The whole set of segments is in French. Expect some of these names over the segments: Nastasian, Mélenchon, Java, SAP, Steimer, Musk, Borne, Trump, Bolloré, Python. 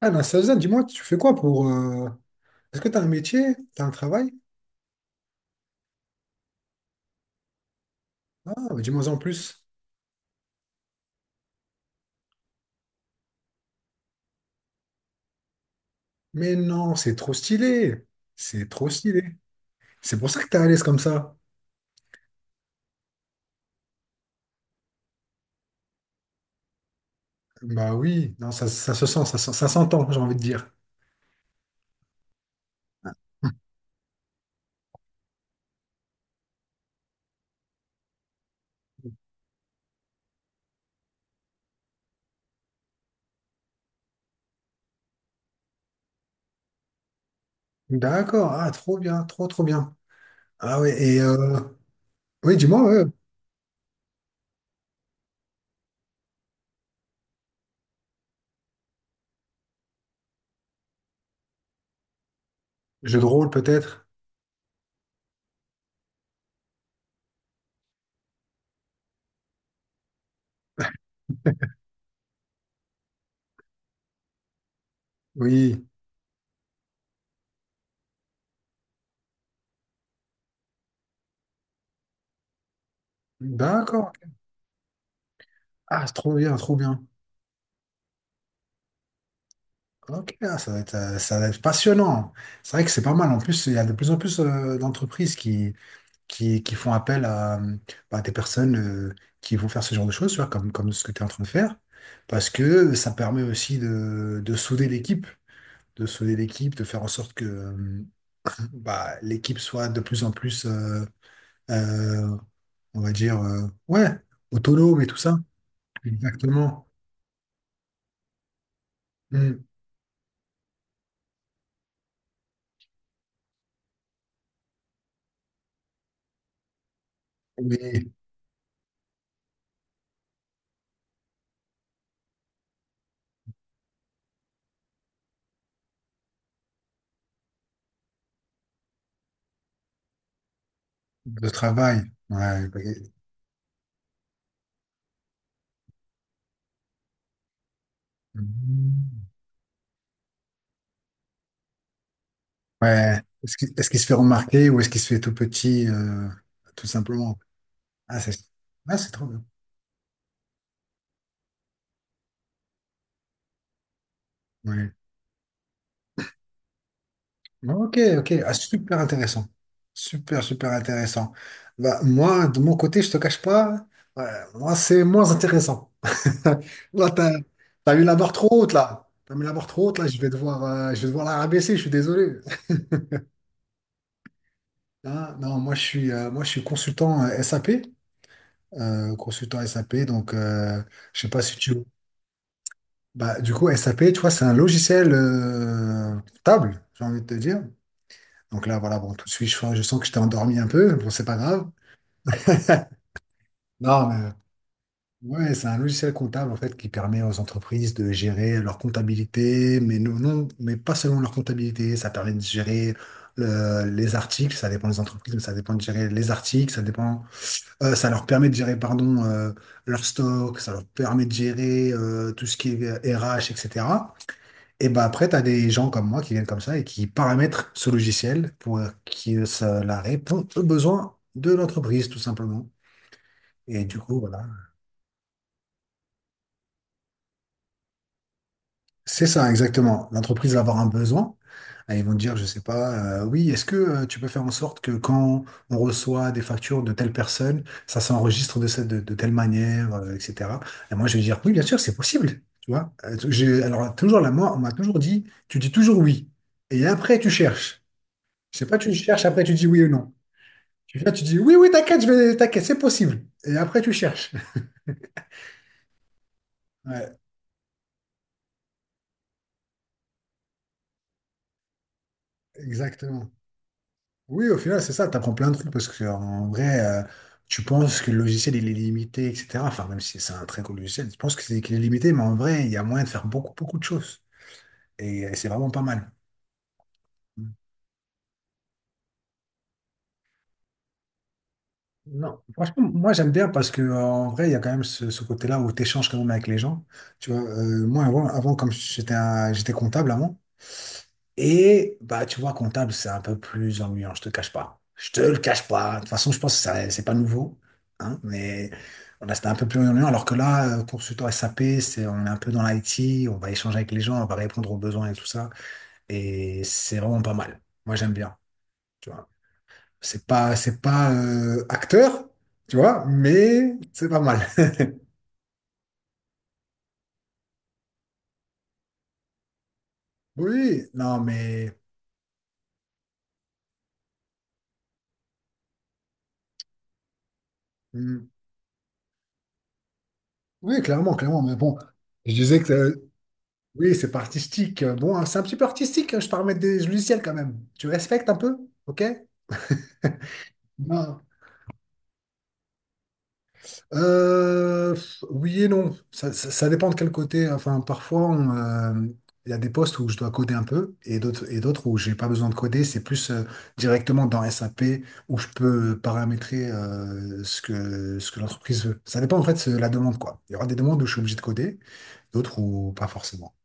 Ah, Nastasian, dis-moi, tu fais quoi pour... est-ce que t'as un métier? T'as un travail? Ah, bah, dis-moi en plus. Mais non, c'est trop stylé. C'est trop stylé. C'est pour ça que t'es à l'aise comme ça. Bah oui, non, ça se sent, ça, se- ça s'entend, j'ai envie de dire. D'accord, ah, trop bien, trop, trop bien. Ah ouais, et... oui, dis-moi, ouais. Jeu de rôle peut-être? Oui. D'accord. Ah, c'est trop bien, trop bien. Ok, ah, ça va être passionnant. C'est vrai que c'est pas mal. En plus, il y a de plus en plus d'entreprises qui... qui font appel à des personnes euh, qui vont faire ce genre de choses, tu vois, comme ce que tu es en train de faire, parce que ça permet aussi de souder l'équipe, de souder l'équipe, de faire en sorte que bah, l'équipe soit de plus en plus, euh, on va dire, ouais, autonome et tout ça. Exactement. Mm. Oui, de travail. Ouais. Mm. Ouais. Est-ce qu'il se fait remarquer ou est-ce qu'il se fait tout petit, tout simplement? Ah, c'est ah, c'est trop bien. Ouais. Bon, ok, ok. Ah, super intéressant. Super, super intéressant. Bah, moi, de mon côté, je te cache pas, ouais, moi, c'est moins intéressant. Là, t'as, t'as mis la barre trop haute, là. T'as mis la barre trop haute, là. Je vais devoir la rabaisser, je suis désolé. Hein, non, moi, je suis consultant SAP. Consultant SAP, donc, je sais pas si tu... Bah, du coup, SAP, tu vois, c'est un logiciel table, j'ai envie de te dire. Donc là, voilà, bon, tout de suite, je sens que je t'ai endormi un peu. Bon, c'est pas grave. Non, mais ouais, c'est un logiciel comptable en fait qui permet aux entreprises de gérer leur comptabilité, mais non, mais pas seulement leur comptabilité. Ça permet de gérer les articles. Ça dépend des entreprises, mais ça dépend de gérer les articles. Ça dépend. Ça leur permet de gérer, pardon, leur stock. Ça leur permet de gérer tout ce qui est RH, etc. Et cetera. Et ben après, t'as des gens comme moi qui viennent comme ça et qui paramètrent ce logiciel pour que ça la répond aux besoins de l'entreprise, tout simplement. Et du coup, voilà. C'est ça, exactement. L'entreprise va avoir un besoin. Et ils vont te dire, je sais pas, oui, est-ce que tu peux faire en sorte que quand on reçoit des factures de telle personne, ça s'enregistre de telle manière, etc. Et moi, je vais dire, oui, bien sûr, c'est possible. Tu vois? Alors, toujours là, moi, on m'a toujours dit, tu dis toujours oui. Et après, tu cherches. Je sais pas, tu cherches, après, tu dis oui ou non. Tu viens, tu dis, oui, oui, t'inquiète, t'inquiète, c'est possible. Et après, tu cherches. Ouais, exactement. Oui, au final, c'est ça, tu apprends plein de trucs parce que en vrai, tu penses que le logiciel il est limité, etc. Enfin, même si c'est un très gros logiciel, tu penses que c'est qu'il est limité, mais en vrai, il y a moyen de faire beaucoup, beaucoup de choses. Et, c'est vraiment pas mal. Non, franchement, moi j'aime bien parce que en vrai, il y a quand même ce côté-là où tu échanges quand même avec les gens. Tu vois, avant comme j'étais comptable avant, et bah, tu vois, comptable, c'est un peu plus ennuyant, je te cache pas. Je te le cache pas. De toute façon, je pense que ça- c'est pas nouveau. Hein, mais voilà, c'était un peu plus ennuyant. Alors que là, consultant SAP, c'est, on est un peu dans l'IT, on va échanger avec les gens, on va répondre aux besoins et tout ça. Et c'est vraiment pas mal. Moi, j'aime bien. Tu vois. C'est pas acteur, tu vois, mais c'est pas mal. Oui, non, mais. Hmm, oui, clairement, clairement. Mais bon, je disais que. Oui, c'est pas artistique. Bon, hein, c'est un petit peu artistique. Hein, je te remets des logiciels quand même. Tu respectes un peu? OK? Non. Pff, oui et non. Ça dépend de quel côté. Enfin, parfois, on, il y a des postes où je dois coder un peu et d'autres où j'ai pas besoin de coder. C'est plus directement dans SAP où je peux paramétrer ce que l'entreprise veut. Ça dépend en fait de la demande, quoi. Il y aura des demandes où je suis obligé de coder, d'autres où pas forcément.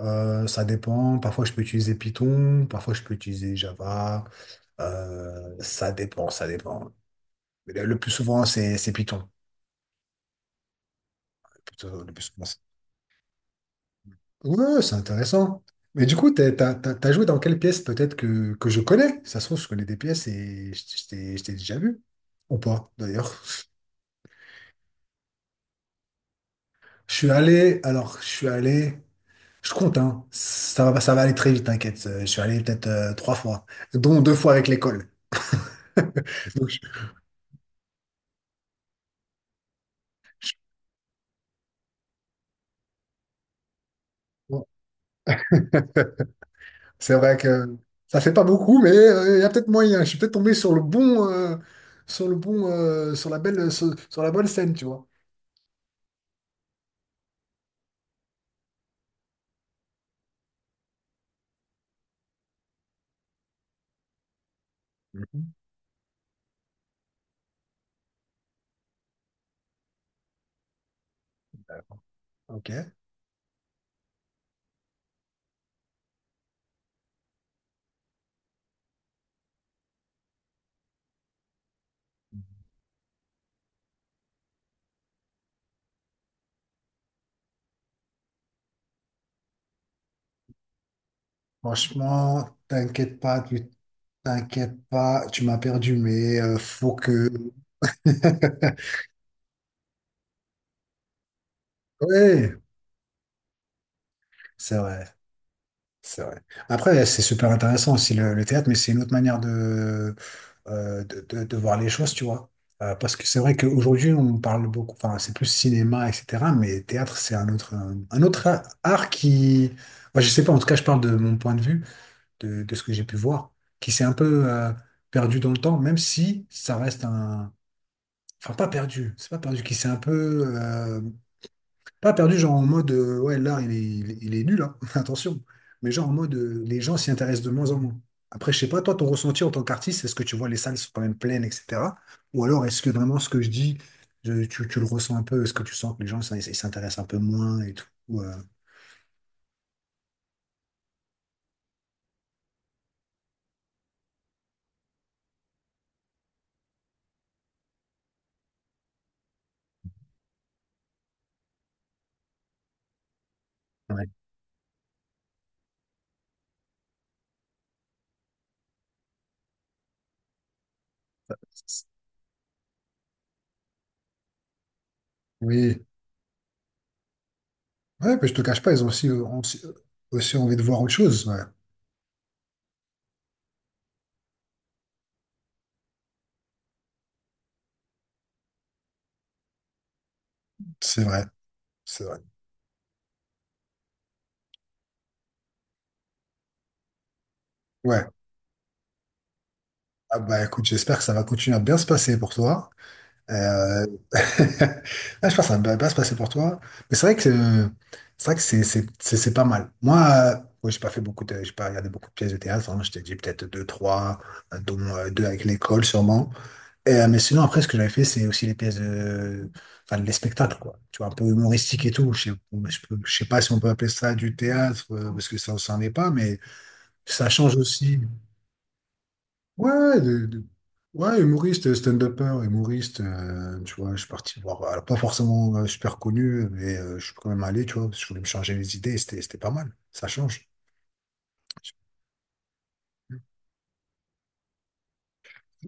Ça dépend. Parfois, je peux utiliser Python, parfois, je peux utiliser Java. Ça dépend. Mais le plus souvent, c'est Python. Plutôt, le plus souvent, c'est- ouais, c'est intéressant. Mais du coup, t'as joué dans quelle pièce peut-être que je connais? Ça se trouve, je connais des pièces et je t'ai déjà vu. Ou pas, d'ailleurs. Je suis allé, je compte, hein. Ça va aller très vite, t'inquiète. Je suis allé peut-être trois fois, dont deux fois avec l'école. Donc, je- je- C'est vrai que ça fait pas beaucoup, mais il y a peut-être moyen. Je suis peut-être tombé sur le bon, sur le bon, sur la belle, sur, sur la bonne scène, tu vois. Mhm. Ok. Franchement, t'inquiètes pas, tu m'as perdu, mais faut que. Oui, c'est vrai. C'est vrai. Après, c'est super intéressant aussi le théâtre, mais c'est une autre manière de, de voir les choses, tu vois. Parce que c'est vrai qu'aujourd'hui, on parle beaucoup, enfin, c'est plus cinéma, etc. Mais théâtre, c'est un autre, autre art qui, moi, je sais pas, en tout cas, je parle de mon point de vue, de ce que j'ai pu voir, qui s'est un peu perdu dans le temps, même si ça reste un. Enfin, pas perdu, c'est pas perdu, qui s'est un peu. Euh, pas perdu, genre en mode, ouais, l'art, il est, il est, il est nul, hein, attention. Mais genre en mode, les gens s'y intéressent de moins en moins. Après, je sais pas, toi, ton ressenti en tant qu'artiste, est-ce que tu vois les salles sont quand même pleines, etc. Ou alors, est-ce que vraiment ce que je dis, tu le ressens un peu? Est-ce que tu sens que les gens ça, ils s'intéressent un peu moins et tout? Ou, ouais. Oui. Ouais, mais je te cache pas, ils ont aussi aussi envie de voir autre chose. Ouais. C'est vrai, c'est vrai. Ouais. Ah bah écoute, j'espère que ça va continuer à bien se passer pour toi. Euh, ah, je pense que ça ne va pas se passer pour toi. Mais c'est vrai que c'est vrai que c'est pas mal. Moi, moi, j'ai pas fait beaucoup de, j'ai pas regardé beaucoup de pièces de théâtre. Hein. Je t'ai dit peut-être deux, trois, dont deux avec l'école sûrement. Et, mais sinon, après, ce que j'avais fait, c'est aussi les pièces de, enfin, les spectacles, quoi. Tu vois, un peu humoristique et tout. Je sais, je sais pas si on peut appeler ça du théâtre, parce que ça n'en est pas, mais ça change aussi. Ouais, ouais, de- de- ouais, humoriste, stand-upper, humoriste, tu vois, je suis parti voir, alors pas forcément super connu, mais je suis quand même allé, tu vois, parce que je voulais me changer les idées, et c'était pas mal, ça change.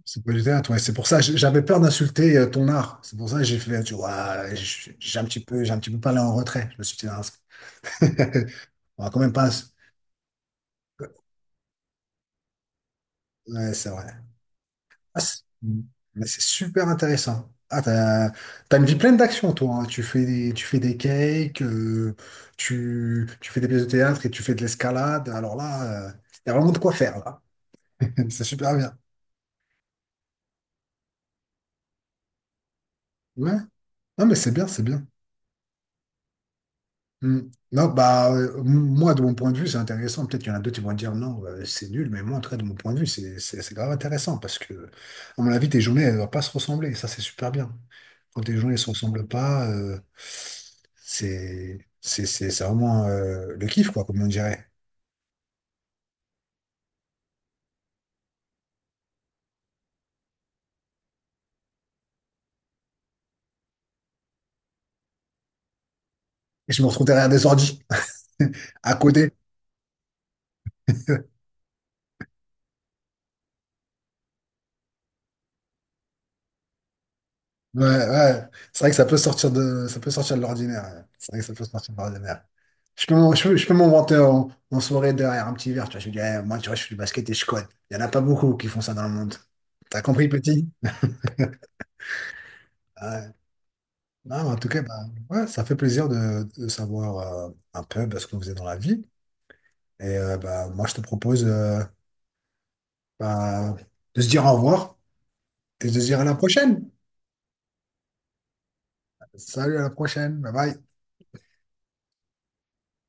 C'est pas du théâtre, ouais, c'est pour ça, j'avais peur d'insulter ton art, c'est pour ça que j'ai fait, tu vois, ouais, j'ai un petit peu parlé en retrait, je me suis dit, ah, c'est- on va quand même pas, ouais, c'est vrai. Ah, c'est mais c'est super intéressant. Ah, t'as, t'as une vie pleine d'actions, toi. Hein. Tu fais des cakes, tu fais des pièces de théâtre et tu fais de l'escalade. Alors là, il y a vraiment de quoi faire, là. C'est super bien. Ouais. Non, mais c'est bien, c'est bien. Hmm. Non, bah, moi, de mon point de vue, c'est intéressant. Peut-être qu'il y en a d'autres qui vont dire non, c'est nul, mais moi, en tout cas, de mon point de vue, c'est grave intéressant parce que, à mon avis, tes journées, elles ne doivent pas se ressembler. Ça, c'est super bien. Quand tes journées ne se ressemblent pas, c'est vraiment le kiff, quoi, comme on dirait. Et je me retrouve derrière des ordi, à côté. Ouais, ouais. C'est vrai que ça peut sortir de, ça peut sortir de l'ordinaire. Ouais. C'est vrai que ça peut sortir de l'ordinaire. Je peux m'en vanter en, en soirée derrière un petit verre, tu vois. Je me dis, eh, moi, tu vois, je fais du basket et je code. Il n'y en a pas beaucoup qui font ça dans le monde. T'as compris, petit? Ouais. Non, en tout cas, bah, ouais, ça fait plaisir de savoir un peu bah, ce qu'on faisait dans la vie. Et bah, moi, je te propose bah, de se dire au revoir et de se dire à la prochaine. Salut, à la prochaine. Bye bye.